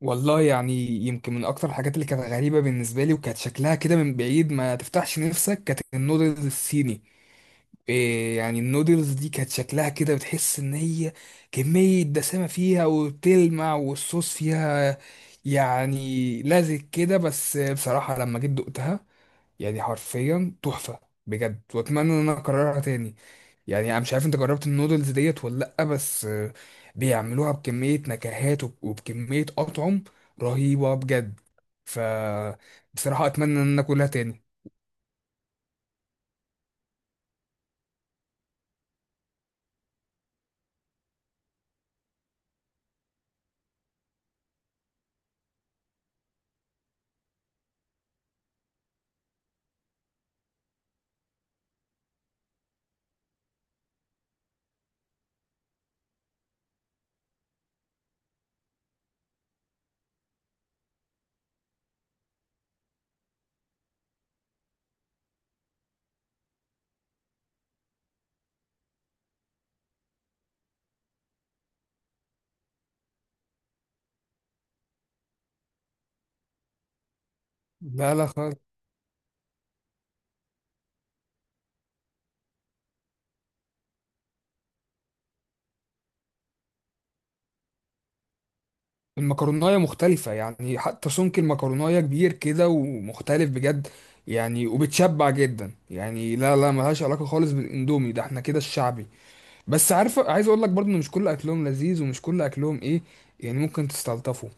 والله، يعني يمكن من اكتر الحاجات اللي كانت غريبه بالنسبه لي وكانت شكلها كده من بعيد ما تفتحش نفسك كانت النودلز الصيني. إيه يعني النودلز دي كانت شكلها كده بتحس ان هي كميه دسامه فيها وبتلمع والصوص فيها، يعني لازق كده. بس بصراحه لما جيت دقتها يعني حرفيا تحفه بجد، واتمنى ان انا اكررها تاني. يعني انا مش عارف انت جربت النودلز ديت ولا لا، بس بيعملوها بكمية نكهات وبكمية أطعم رهيبة بجد. ف بصراحة أتمنى إن أنا أكلها تاني. لا لا خالص. المكروناية مختلفة، يعني حتى سمك المكروناية كبير كده ومختلف بجد. يعني وبتشبع جدا، يعني لا لا ملهاش علاقة خالص بالإندومي ده، احنا كده الشعبي. بس عارف عايز أقول لك برضه إن مش كل أكلهم لذيذ ومش كل أكلهم إيه، يعني ممكن تستلطفه.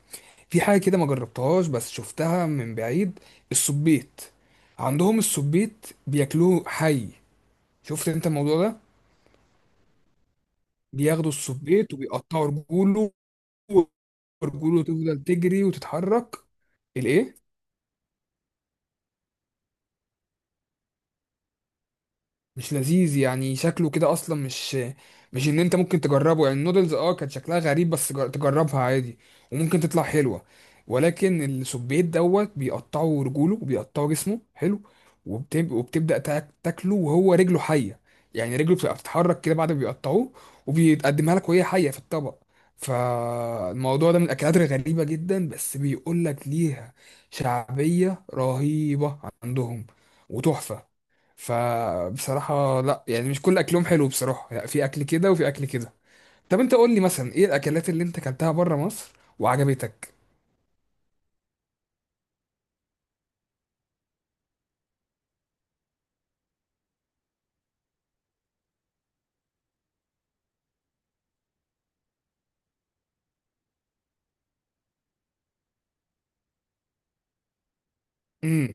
في حاجة كده ما جربتهاش بس شفتها من بعيد: السبيت. عندهم السبيت بياكلوه حي. شفت انت الموضوع ده؟ بياخدوا السبيت وبيقطعوا رجوله، ورجوله تفضل تجري وتتحرك. الايه، مش لذيذ، يعني شكله كده اصلا مش. مش ان انت ممكن تجربه، يعني النودلز كانت شكلها غريب بس تجربها عادي وممكن تطلع حلوه. ولكن السبيت دوت بيقطعوا رجوله وبيقطعوا جسمه حلو، وبتبدا تاكله وهو رجله حيه. يعني رجله بتبقى بتتحرك كده بعد ما بيقطعوه، وبيتقدمها لك وهي حيه في الطبق. فالموضوع ده من الاكلات الغريبه جدا، بس بيقول لك ليها شعبيه رهيبه عندهم وتحفه. فبصراحة لا، يعني مش كل اكلهم حلو بصراحة، يعني في اكل كده وفي اكل كده. طب انت قول لي مثلا ايه الاكلات اللي انت اكلتها بره مصر وعجبتك؟ امم.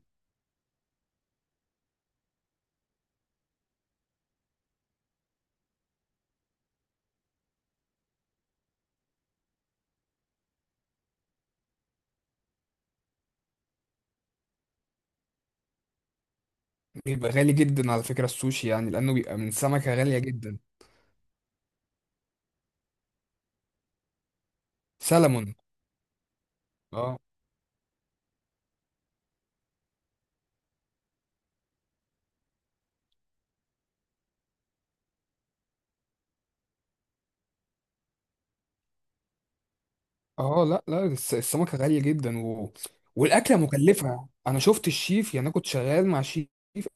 بيبقى غالي جدا على فكرة السوشي، يعني لانه بيبقى من سمكة غالية جدا. سلمون. اه. اه، لا لا، السمكة غالية جدا و... والاكلة مكلفة. انا شفت الشيف، يعني انا كنت شغال مع شيف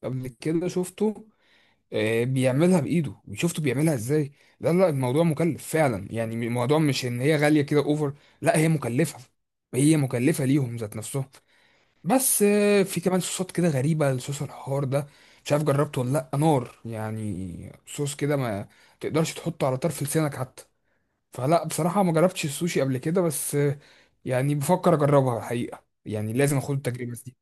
قبل كده شفته. بيعملها بايده وشفته بيعملها ازاي. لا لا، الموضوع مكلف فعلا، يعني الموضوع مش ان هي غاليه كده اوفر، لا هي مكلفه، هي مكلفه ليهم ذات نفسهم. بس في كمان صوصات كده غريبه، صوص الحار ده مش عارف جربته ولا لا. نار، يعني صوص كده ما تقدرش تحطه على طرف لسانك حتى. فلا بصراحه ما جربتش السوشي قبل كده، بس يعني بفكر اجربها الحقيقه، يعني لازم اخد التجربه دي.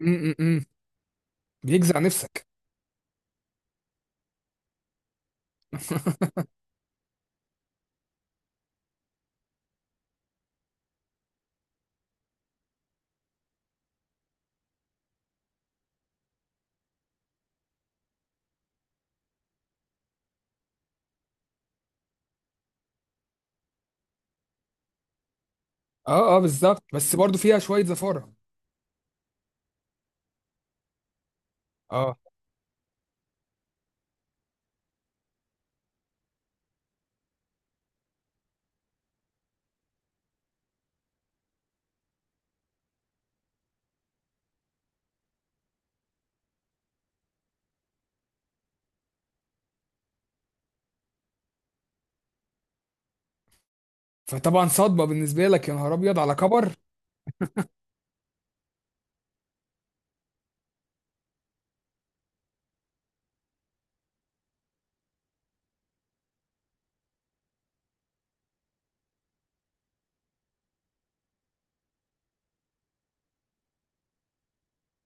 م -م -م. بيجزع نفسك. اه اه، بالظبط، بس برضو فيها شويه زفاره. اه، فطبعا صدمة بالنسبة لك، يا نهار أبيض على كبر.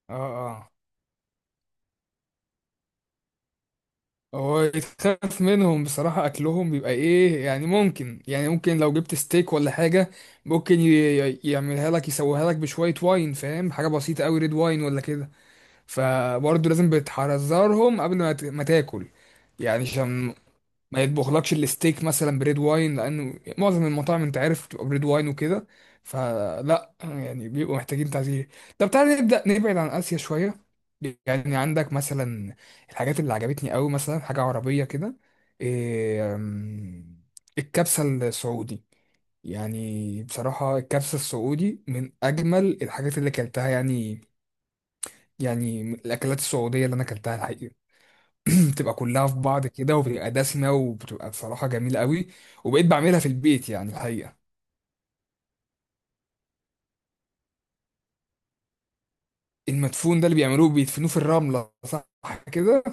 اه اه، هو يتخاف منهم بصراحة. أكلهم بيبقى إيه، يعني ممكن، يعني ممكن لو جبت ستيك ولا حاجة ممكن يعملها لك يسويها لك بشوية واين، فاهم، حاجة بسيطة أوي ريد واين ولا كده. فبرضه لازم بتحذرهم قبل ما ما تاكل، يعني عشان ما يطبخلكش الستيك مثلا بريد واين، لانه معظم المطاعم انت عارف بتبقى بريد واين وكده. فلا يعني بيبقوا محتاجين تعزيز. طب تعالى نبدا نبعد عن اسيا شويه. يعني عندك مثلا الحاجات اللي عجبتني قوي مثلا حاجه عربيه كده، إيه، الكبسه السعودي. يعني بصراحه الكبسه السعودي من اجمل الحاجات اللي اكلتها، يعني يعني من الاكلات السعوديه اللي انا اكلتها. بتبقى كلها في بعض كده، وبتبقى دسمة، وبتبقى بصراحة جميلة قوي. وبقيت بعملها في البيت يعني الحقيقة. المدفون ده اللي بيعملوه بيدفنوه في الرملة، صح كده.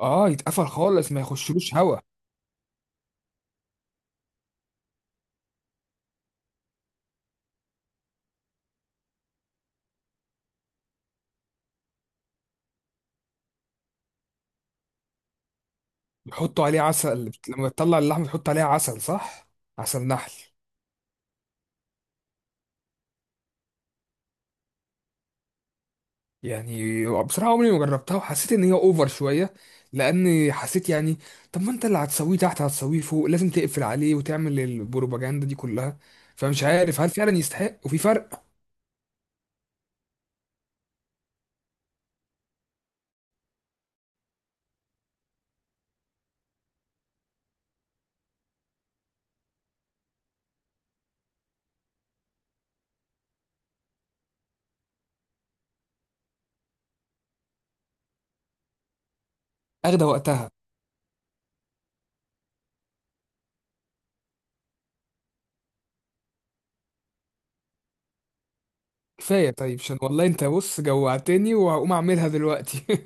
اه، يتقفل خالص ما يخشلوش هوا. يحطوا عليه عسل، لما تطلع اللحمة تحط عليها عسل، صح، عسل نحل. يعني بصراحة عمري ما جربتها وحسيت ان هي اوفر شوية، لان حسيت يعني طب ما انت اللي هتسويه تحت هتسويه فوق لازم تقفل عليه وتعمل البروباجندا دي كلها، فمش عارف هل فعلا يستحق وفي فرق. اخده وقتها. كفاية طيب، عشان والله انت بص جوعتني، وهقوم اعملها دلوقتي.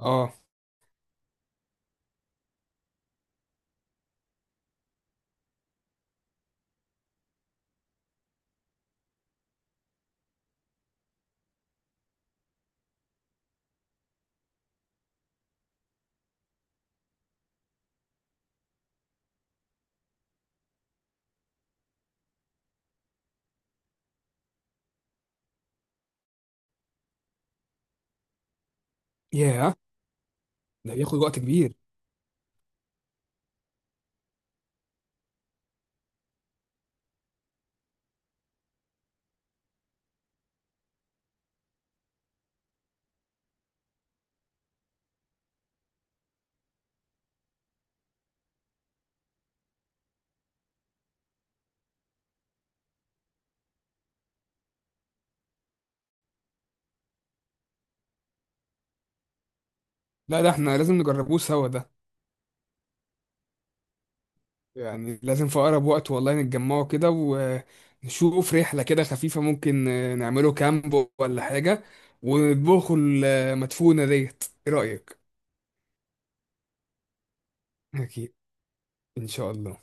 اه. ياه، ده بياخد وقت كبير. لا، ده احنا لازم نجربوه سوا ده، يعني لازم في اقرب وقت والله نتجمعوا كده ونشوف رحلة كده خفيفة، ممكن نعمله كامب ولا حاجة، ونطبخوا المدفونة ديت. ايه رأيك؟ أكيد. إن شاء الله.